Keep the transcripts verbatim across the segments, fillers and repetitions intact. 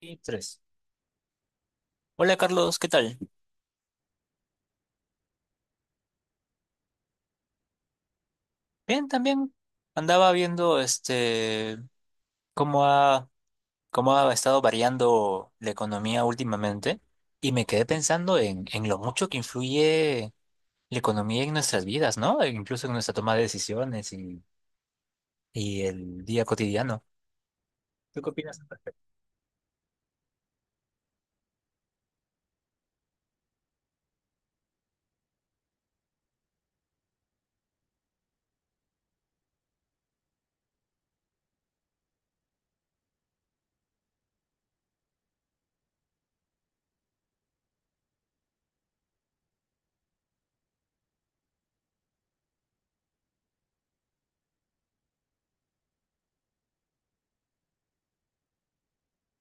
Y tres. Hola Carlos, ¿qué tal? Bien, también andaba viendo este cómo ha, cómo ha estado variando la economía últimamente y me quedé pensando en, en lo mucho que influye la economía en nuestras vidas, ¿no? E incluso en nuestra toma de decisiones y, y el día cotidiano. ¿Tú qué opinas?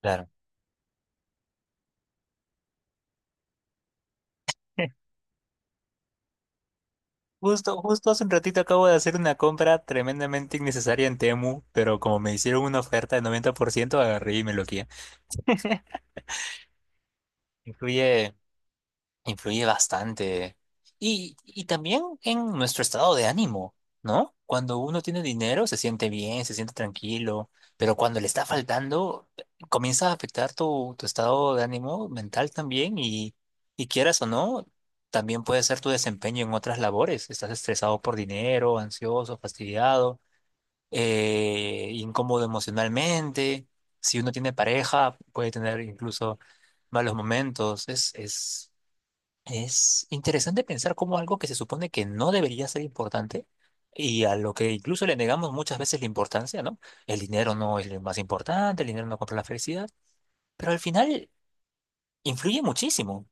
Claro. Justo, justo hace un ratito acabo de hacer una compra tremendamente innecesaria en Temu, pero como me hicieron una oferta de noventa por ciento agarré y me lo quité. Influye. Influye bastante. Y, y también en nuestro estado de ánimo, ¿no? Cuando uno tiene dinero, se siente bien, se siente tranquilo, pero cuando le está faltando, comienza a afectar tu, tu estado de ánimo mental también y, y quieras o no, también puede ser tu desempeño en otras labores. Estás estresado por dinero, ansioso, fastidiado, eh, incómodo emocionalmente. Si uno tiene pareja, puede tener incluso malos momentos. Es, es es interesante pensar cómo algo que se supone que no debería ser importante y a lo que incluso le negamos muchas veces la importancia, ¿no? El dinero no es lo más importante, el dinero no compra la felicidad, pero al final influye muchísimo.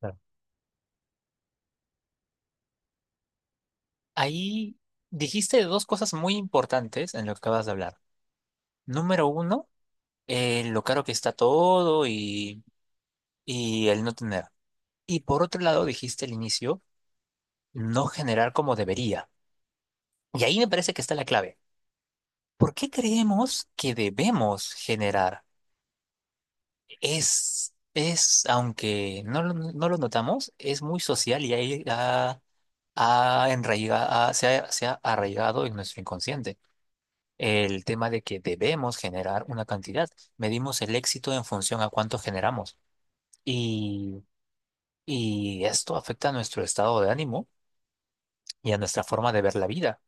Claro. Ahí dijiste dos cosas muy importantes en lo que acabas de hablar. Número uno, eh, lo caro que está todo y, y el no tener. Y por otro lado, dijiste al inicio, no generar como debería. Y ahí me parece que está la clave. ¿Por qué creemos que debemos generar? Es, es, aunque no lo, no lo notamos, es muy social y ahí ha, ha enraiga- ha- se ha, se ha arraigado en nuestro inconsciente. El tema de que debemos generar una cantidad. Medimos el éxito en función a cuánto generamos. Y, y esto afecta a nuestro estado de ánimo y a nuestra forma de ver la vida.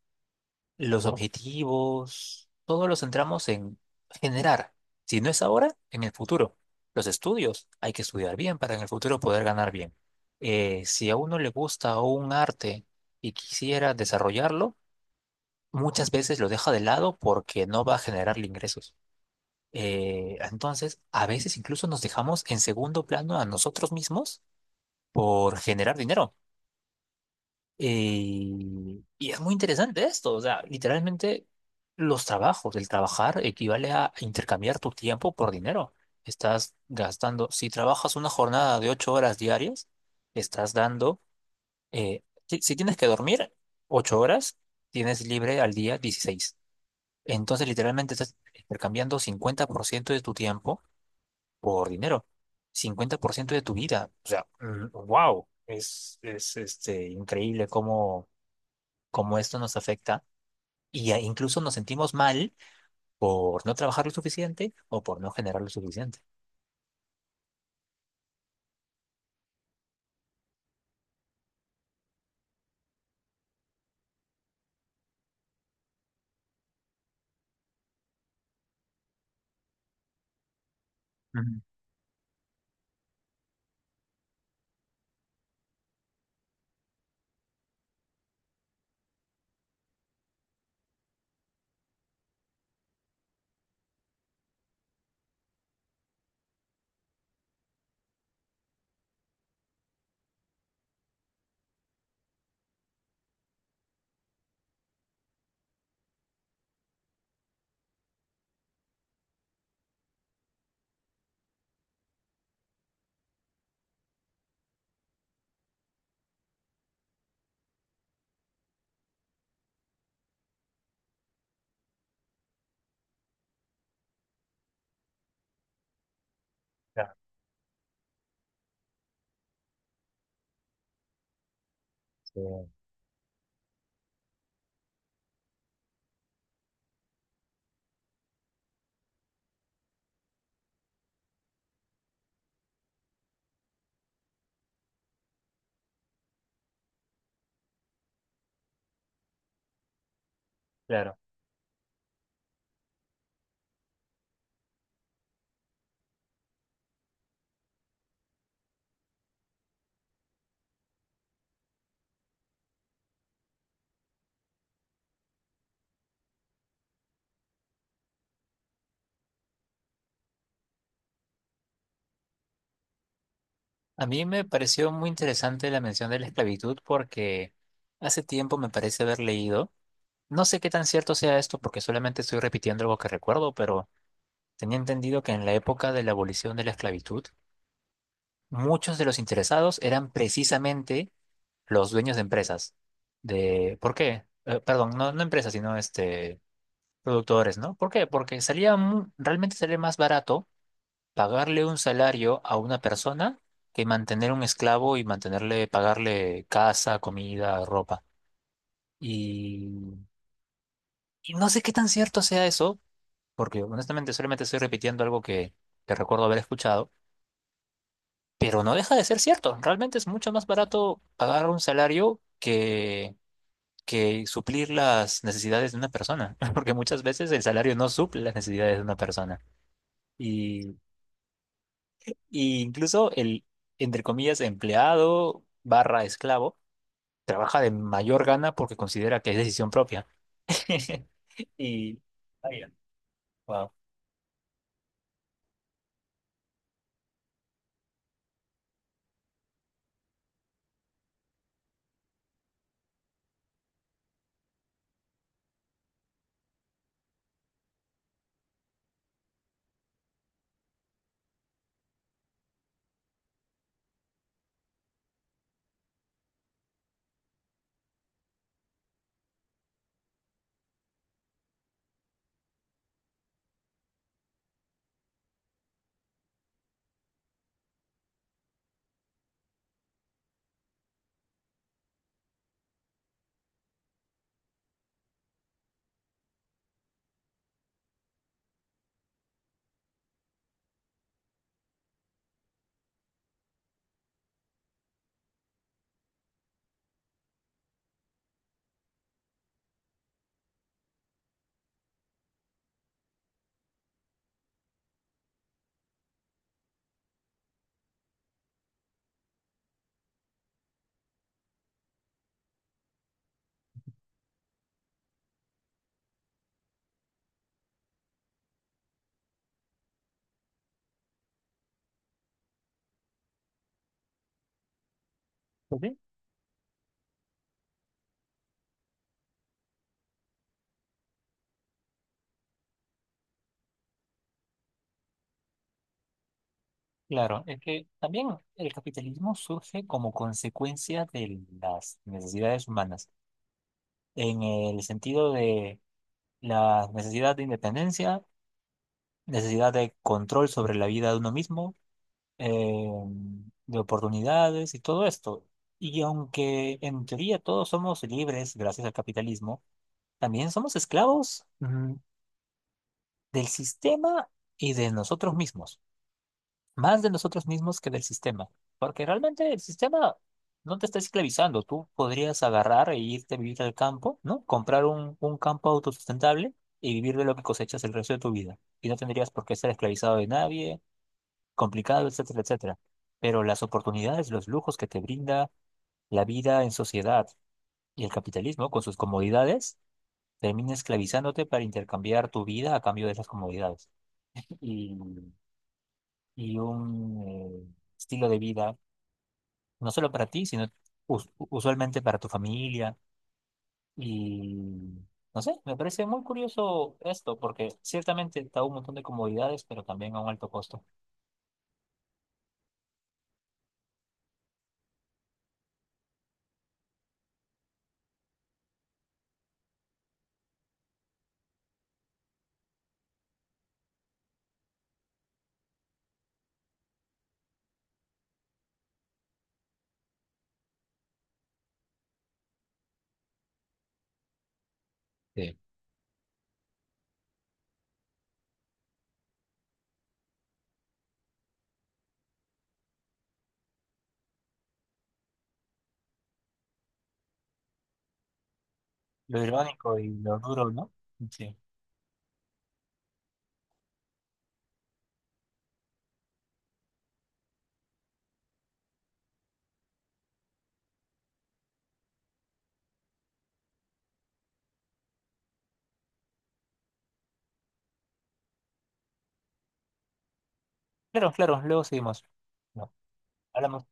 Los ¿no? objetivos, todos los centramos en generar. Si no es ahora, en el futuro. Los estudios, hay que estudiar bien para en el futuro poder ganar bien. Eh, si a uno le gusta un arte y quisiera desarrollarlo, muchas veces lo deja de lado porque no va a generarle ingresos. Eh, entonces, a veces incluso nos dejamos en segundo plano a nosotros mismos por generar dinero. Eh, y es muy interesante esto, o sea, literalmente los trabajos, el trabajar equivale a intercambiar tu tiempo por dinero. Estás gastando, si trabajas una jornada de ocho horas diarias, estás dando, eh, si, si tienes que dormir ocho horas, tienes libre al día dieciséis. Entonces, literalmente estás intercambiando cincuenta por ciento de tu tiempo por dinero, cincuenta por ciento de tu vida. O sea, wow, es, es este, increíble cómo cómo esto nos afecta y e incluso nos sentimos mal por no trabajar lo suficiente o por no generar lo suficiente. Ujú, claro, sí, claro. A mí me pareció muy interesante la mención de la esclavitud porque hace tiempo me parece haber leído, no sé qué tan cierto sea esto porque solamente estoy repitiendo algo que recuerdo, pero tenía entendido que en la época de la abolición de la esclavitud, muchos de los interesados eran precisamente los dueños de empresas. De, ¿por qué? Eh, perdón, no, no empresas, sino este productores, ¿no? ¿Por qué? Porque salía, mu- realmente salía más barato pagarle un salario a una persona que mantener un esclavo y mantenerle, pagarle casa, comida, ropa. Y, y no sé qué tan cierto sea eso, porque honestamente solamente estoy repitiendo algo que, que recuerdo haber escuchado, pero no deja de ser cierto. Realmente es mucho más barato pagar un salario que, que suplir las necesidades de una persona, porque muchas veces el salario no suple las necesidades de una persona. Y incluso el, entre comillas, empleado barra esclavo trabaja de mayor gana porque considera que es decisión propia. Y, vaya, wow. Pues sí, claro, es que también el capitalismo surge como consecuencia de las necesidades humanas, en el sentido de la necesidad de independencia, necesidad de control sobre la vida de uno mismo, eh, de oportunidades y todo esto. Y aunque en teoría todos somos libres gracias al capitalismo, también somos esclavos, mm, del sistema y de nosotros mismos. Más de nosotros mismos que del sistema. Porque realmente el sistema no te está esclavizando. Tú podrías agarrar e irte a vivir al campo, ¿no? Comprar un, un campo autosustentable y vivir de lo que cosechas el resto de tu vida. Y no tendrías por qué estar esclavizado de nadie complicado, etcétera, etcétera. Pero las oportunidades, los lujos que te brinda la vida en sociedad y el capitalismo con sus comodidades, termina esclavizándote para intercambiar tu vida a cambio de esas comodidades. Y, y un eh, estilo de vida, no solo para ti, sino us- usualmente para tu familia. Y no sé, me parece muy curioso esto, porque ciertamente está un montón de comodidades, pero también a un alto costo. Sí. Lo irónico y lo duro, ¿no? Sí. Claro, claro, luego seguimos. Bueno, hablamos.